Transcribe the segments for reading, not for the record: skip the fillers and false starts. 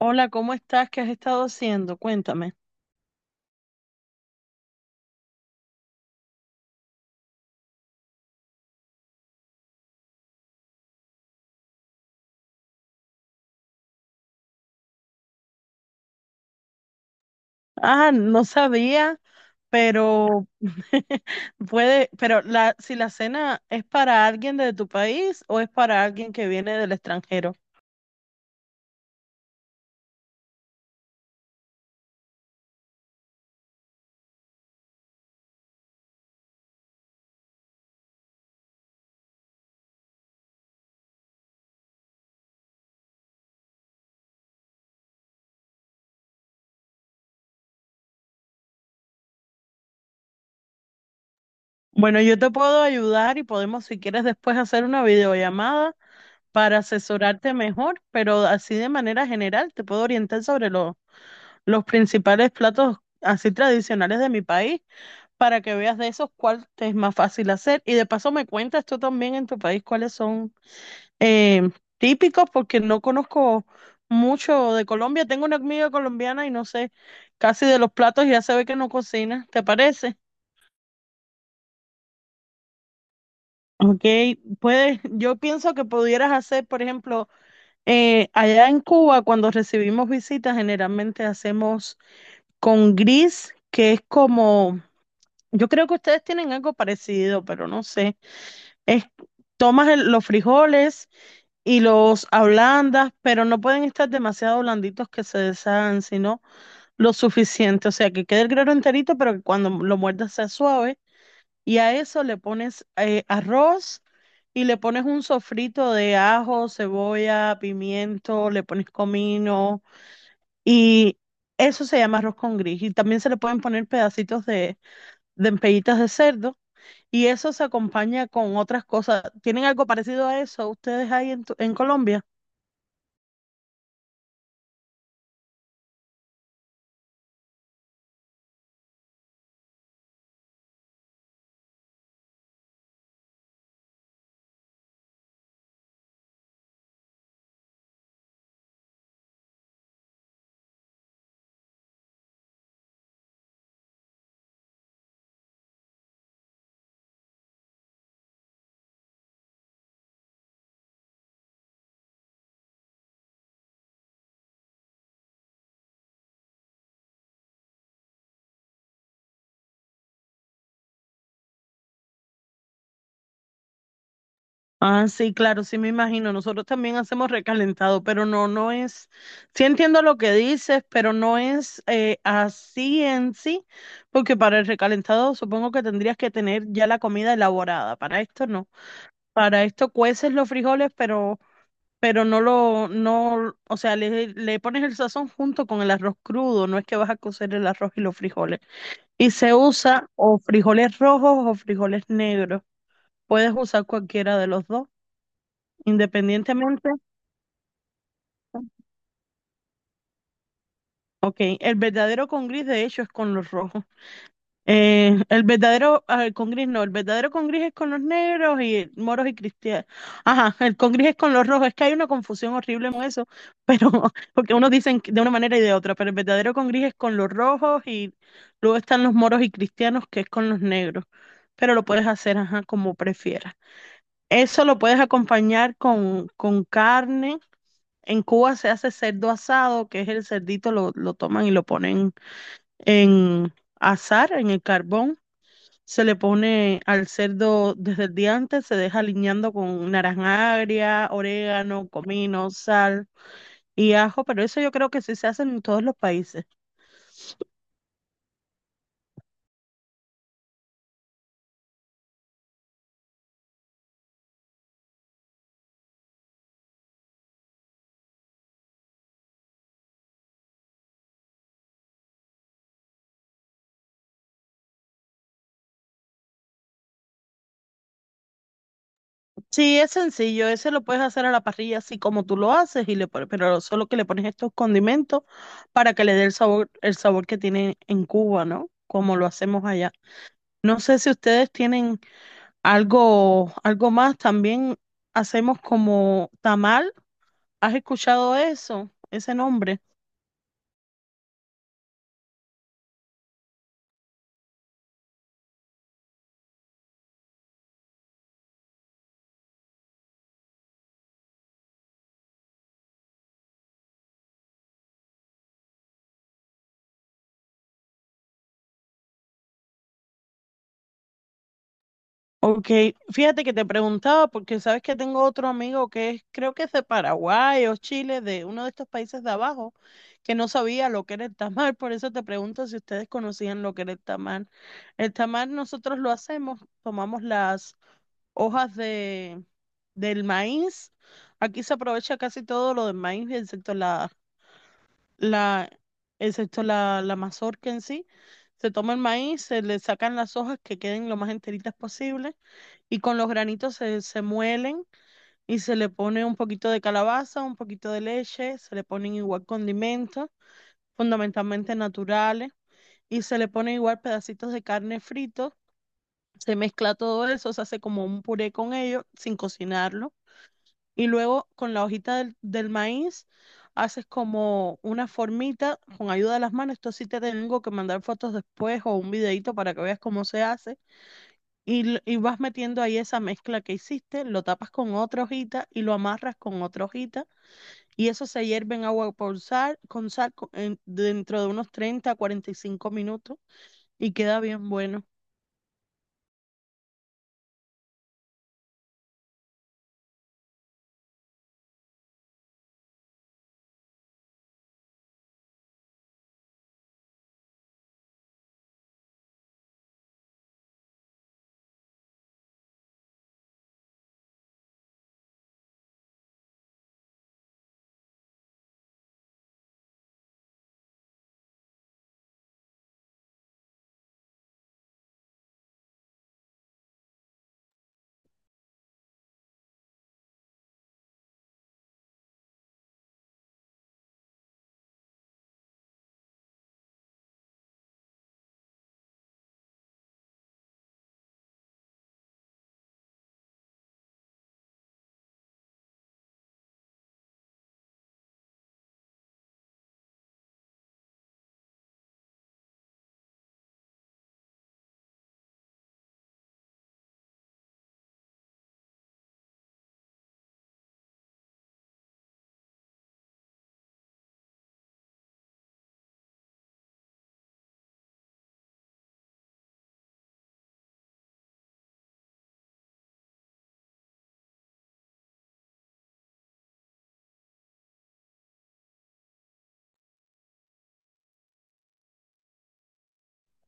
Hola, ¿cómo estás? ¿Qué has estado haciendo? Cuéntame. Ah, no sabía, pero puede, pero si la cena es para alguien de tu país o es para alguien que viene del extranjero. Bueno, yo te puedo ayudar y podemos, si quieres, después hacer una videollamada para asesorarte mejor, pero así de manera general te puedo orientar sobre los principales platos así tradicionales de mi país para que veas de esos cuál te es más fácil hacer. Y de paso me cuentas tú también en tu país cuáles son eh, típicos, porque no conozco mucho de Colombia. Tengo una amiga colombiana y no sé casi de los platos, ya se ve que no cocina, ¿te parece? Ok, puedes, yo pienso que pudieras hacer, por ejemplo, allá en Cuba, cuando recibimos visitas, generalmente hacemos con gris, que es como, yo creo que ustedes tienen algo parecido, pero no sé. Es, Tomas los frijoles y los ablandas, pero no pueden estar demasiado blanditos que se deshagan, sino lo suficiente. O sea, que quede el grano enterito, pero que cuando lo muerdas sea suave. Y a eso le pones arroz y le pones un sofrito de ajo, cebolla, pimiento, le pones comino y eso se llama arroz con gris. Y también se le pueden poner pedacitos de empellitas de cerdo y eso se acompaña con otras cosas. ¿Tienen algo parecido a eso ustedes ahí en Colombia? Ah, sí, claro, sí me imagino. Nosotros también hacemos recalentado, pero no, no es, sí entiendo lo que dices, pero no es así en sí, porque para el recalentado supongo que tendrías que tener ya la comida elaborada. Para esto no. Para esto cueces los frijoles, pero no lo, no, o sea, le pones el sazón junto con el arroz crudo, no es que vas a cocer el arroz y los frijoles. Y se usa o frijoles rojos o frijoles negros. Puedes usar cualquiera de los dos, independientemente. Ok, el verdadero con gris de hecho es con los rojos. El verdadero el con gris no, el verdadero con gris es con los negros y moros y cristianos. Ajá, el con gris es con los rojos. Es que hay una confusión horrible con eso, pero porque unos dicen de una manera y de otra, pero el verdadero con gris es con los rojos y luego están los moros y cristianos que es con los negros. Pero lo puedes hacer, ajá, como prefieras. Eso lo puedes acompañar con carne. En Cuba se hace cerdo asado, que es el cerdito, lo toman y lo ponen en asar en el carbón. Se le pone al cerdo desde el día antes, se deja aliñando con naranja agria, orégano, comino, sal y ajo, pero eso yo creo que sí se hace en todos los países. Sí, es sencillo, ese lo puedes hacer a la parrilla así como tú lo haces y le pones, pero solo que le pones estos condimentos para que le dé el sabor que tiene en Cuba, ¿no? Como lo hacemos allá. No sé si ustedes tienen algo, algo más, también hacemos como tamal. ¿Has escuchado eso? Ese nombre. Ok, fíjate que te preguntaba porque sabes que tengo otro amigo que es, creo que es de Paraguay o Chile, de uno de estos países de abajo, que no sabía lo que era el tamal, por eso te pregunto si ustedes conocían lo que era el tamal. El tamal nosotros lo hacemos, tomamos las hojas del maíz, aquí se aprovecha casi todo lo del maíz, excepto la, la mazorca en sí. Se toma el maíz, se le sacan las hojas que queden lo más enteritas posible y con los granitos se muelen y se le pone un poquito de calabaza, un poquito de leche, se le ponen igual condimentos, fundamentalmente naturales, y se le ponen igual pedacitos de carne frito, se mezcla todo eso, se hace como un puré con ello sin cocinarlo, y luego con la hojita del maíz haces como una formita con ayuda de las manos, esto sí te tengo que mandar fotos después o un videito para que veas cómo se hace y, y vas metiendo ahí esa mezcla que hiciste, lo tapas con otra hojita y lo amarras con otra hojita. Y eso se hierve en agua por sal, con sal dentro de unos 30 a 45 minutos y queda bien bueno.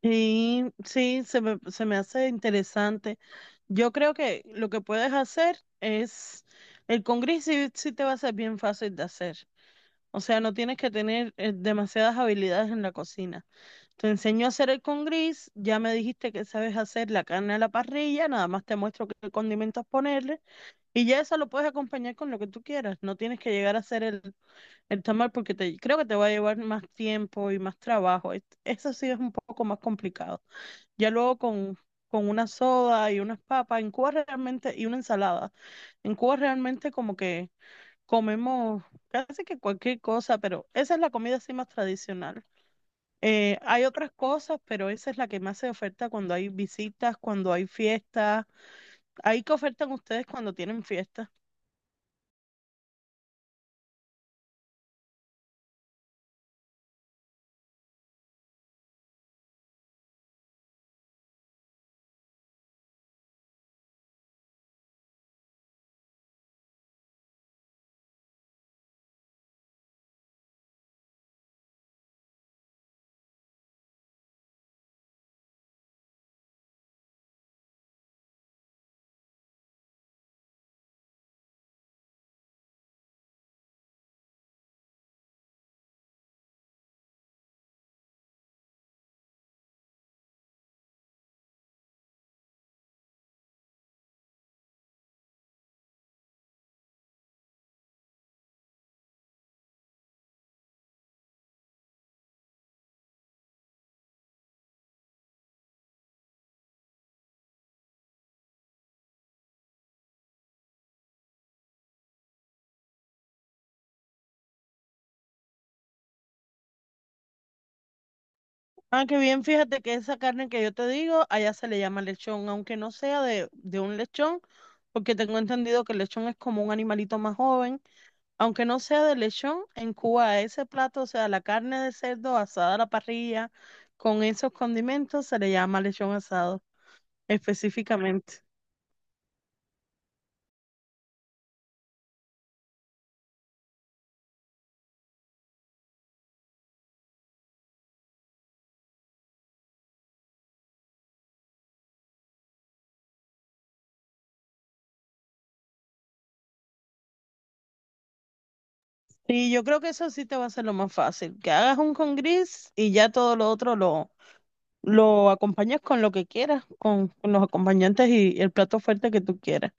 Y sí, se me hace interesante. Yo creo que lo que puedes hacer es, el con gris sí, sí te va a ser bien fácil de hacer. O sea, no tienes que tener demasiadas habilidades en la cocina. Te enseño a hacer el con gris, ya me dijiste que sabes hacer la carne a la parrilla, nada más te muestro qué condimentos ponerle y ya eso lo puedes acompañar con lo que tú quieras. No tienes que llegar a hacer el tamal porque te, creo que te va a llevar más tiempo y más trabajo. Eso sí es un poco más complicado. Ya luego con una soda y unas papas, en Cuba realmente, y una ensalada. En Cuba realmente como que comemos casi que cualquier cosa, pero esa es la comida así más tradicional. Hay otras cosas, pero esa es la que más se oferta cuando hay visitas, cuando hay fiestas. Ahí que ofertan ustedes cuando tienen fiestas. Ah, qué bien, fíjate que esa carne que yo te digo, allá se le llama lechón, aunque no sea de un lechón, porque tengo entendido que el lechón es como un animalito más joven. Aunque no sea de lechón, en Cuba ese plato, o sea, la carne de cerdo asada a la parrilla con esos condimentos, se le llama lechón asado específicamente. Sí, yo creo que eso sí te va a ser lo más fácil, que hagas un con gris y ya todo lo otro lo acompañas con lo que quieras, con los acompañantes y el plato fuerte que tú quieras.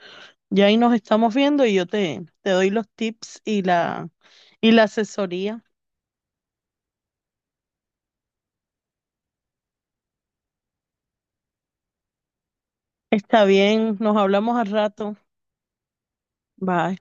Ya ahí nos estamos viendo y yo te, te doy los tips y la asesoría. Está bien, nos hablamos al rato. Bye.